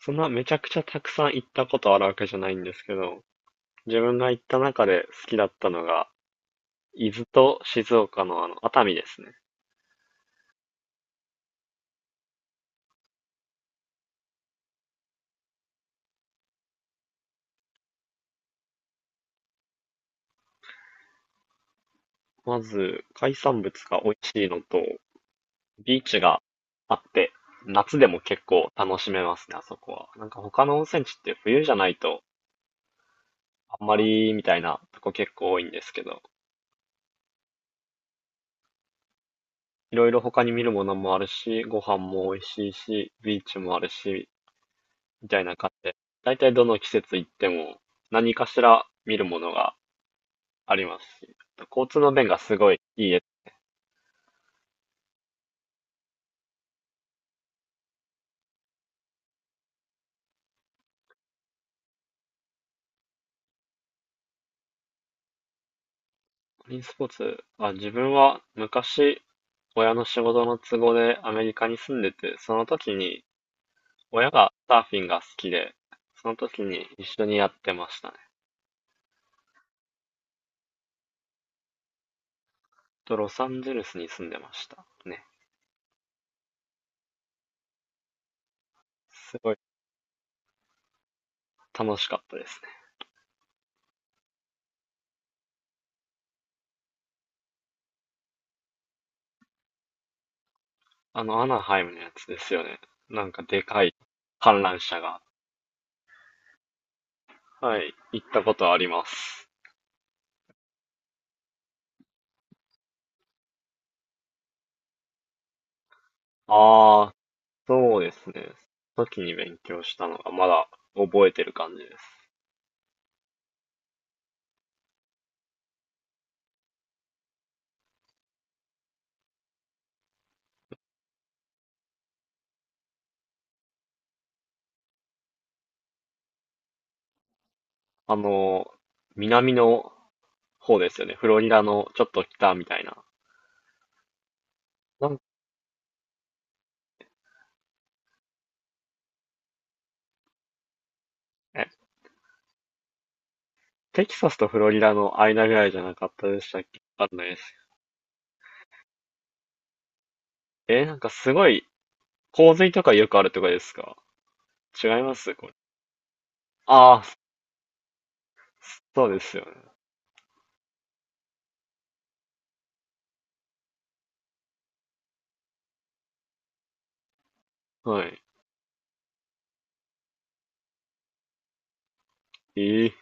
そんなめちゃくちゃたくさん行ったことあるわけじゃないんですけど、自分が行った中で好きだったのが、伊豆と静岡の熱海ですね。まず、海産物が美味しいのと、ビーチがあって、夏でも結構楽しめますね、あそこは。なんか他の温泉地って冬じゃないと、あんまりみたいなとこ結構多いんですけど、いろいろ他に見るものもあるし、ご飯も美味しいし、ビーチもあるし、みたいな感じで、だいたいどの季節行っても何かしら見るものがありますし、交通の便がすごいいいです。マリンスポーツは自分は昔親の仕事の都合でアメリカに住んでて、その時に親がサーフィンが好きで、その時に一緒にやってましたね。とロサンゼルスに住んでましたね。すごい楽しかったですね。あのアナハイムのやつですよね。なんかでかい観覧車が。はい、行ったことあります。ああ、そうですね。その時に勉強したのがまだ覚えてる感じです。あの、南の方ですよね。フロリダのちょっと北みたいな。なんえ、テキサスとフロリダの間ぐらいじゃなかったでしたっけ、わかんないです。えーなんかすごい、洪水とかよくあるとこですか？違いますこれ。ああ、そうですよね。はい。ええ、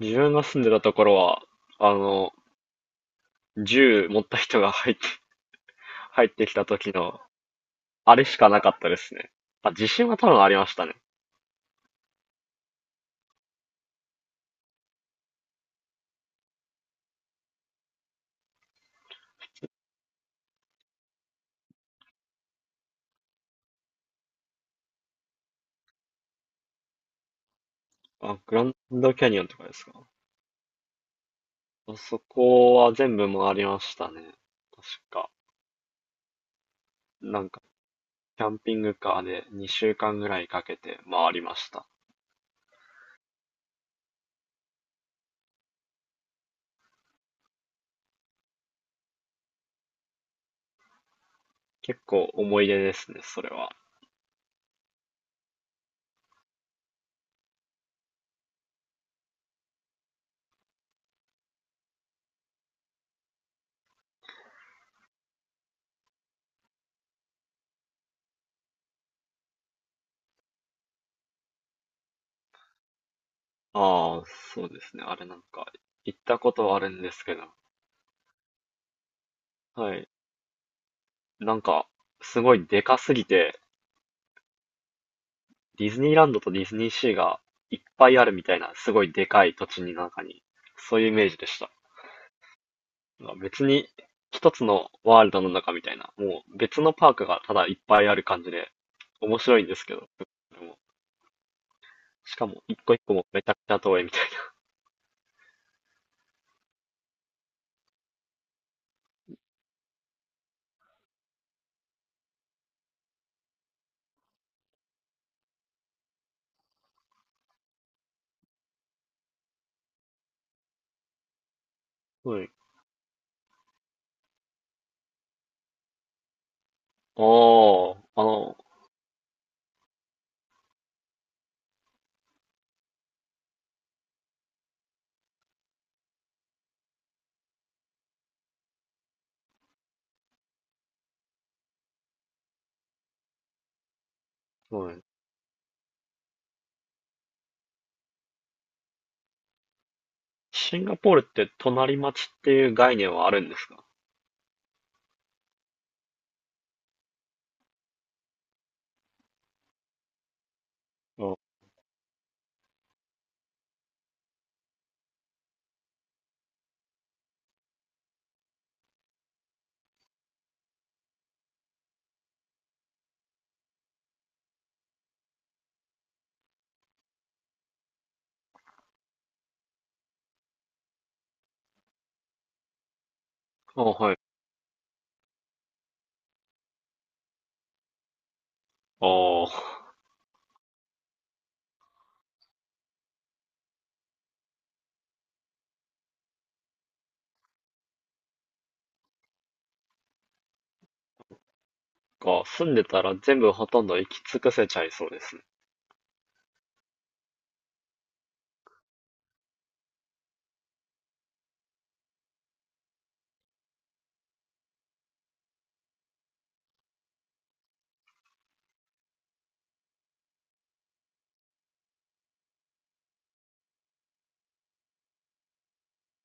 自分が住んでたところは、あの、銃持った人が入ってきた時の、あれしかなかったですね。あ、地震は多分ありましたね。あ、グランドキャニオンとかですか。あそこは全部回りましたね。確か。なんか、キャンピングカーで2週間ぐらいかけて回りました。結構思い出ですね、それは。ああ、そうですね。あれなんか、行ったことはあるんですけど。はい。なんか、すごいでかすぎて、ディズニーランドとディズニーシーがいっぱいあるみたいな、すごいでかい土地の中に、そういうイメージでした。まあ別に一つのワールドの中みたいな、もう別のパークがただいっぱいある感じで、面白いんですけど、でも、しかも一個一個もめちゃくちゃ遠いみたいな。はい。ああ、はい、シンガポールって隣町っていう概念はあるんですか？ああ、はい。ああ、住んでたら全部ほとんど行き尽くせちゃいそうですね。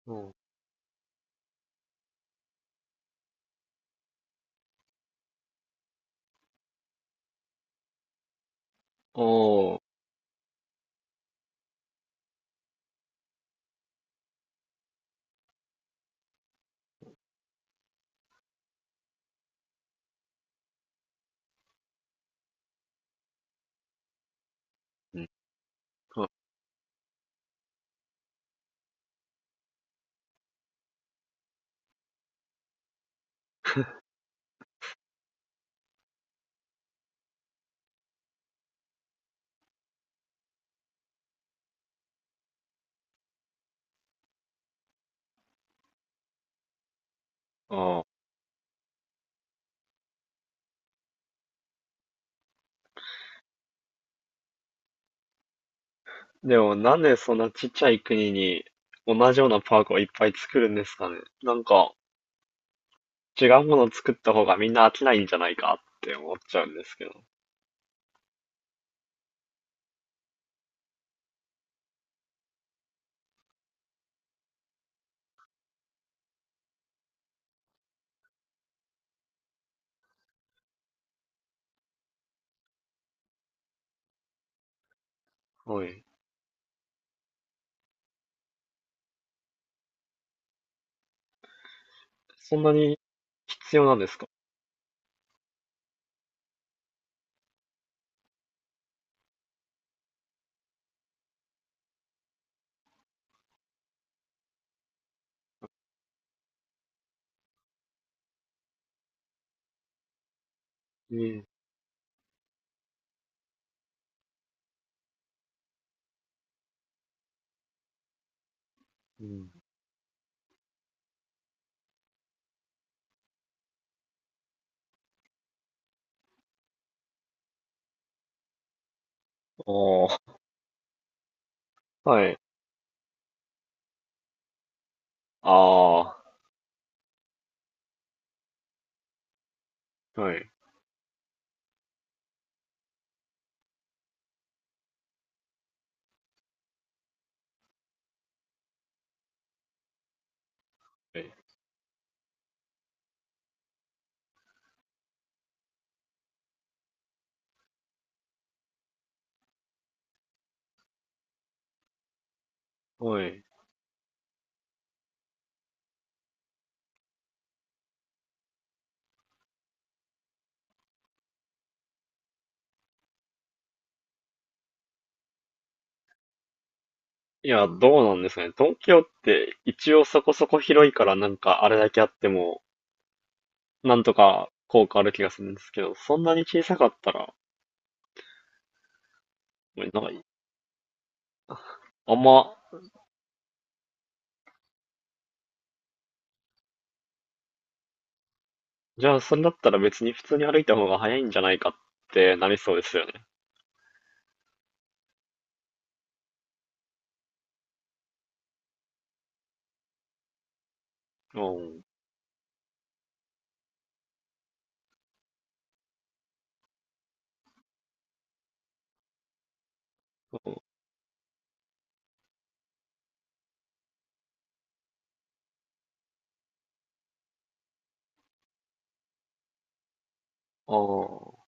うん。ああ、うん。はい。ああ。でもなんでそんなちっちゃい国に同じようなパークをいっぱい作るんですかね。なんか違うものを作った方がみんな飽きないんじゃないかって思っちゃうんですけど。はい。そんなに必要なんですか？ええ。うん。ああ、はい。ああ、はい。はい。はい。いや、どうなんですかね。東京って一応そこそこ広いからなんかあれだけあっても、なんとか効果ある気がするんですけど、そんなに小さかったら、なんかあんまじゃあ、それだったら別に普通に歩いた方が早いんじゃないかってなりそうですよね。うん。ああ、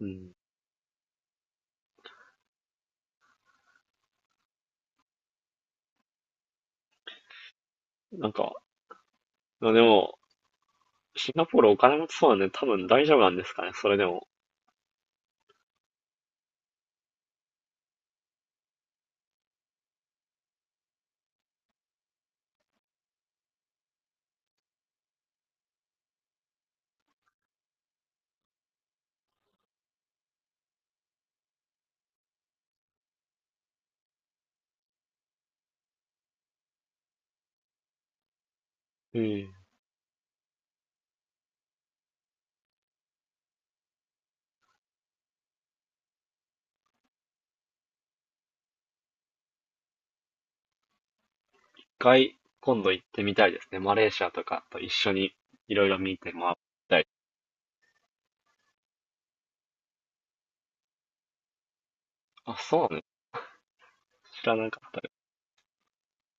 うん。なんか、でも、シンガポールお金持ちそうなんで多分大丈夫なんですかね、それでも。うん。一回、今度行ってみたいですね。マレーシアとかと一緒にいろいろ見て回りたい。あ、そうね。知らなかった。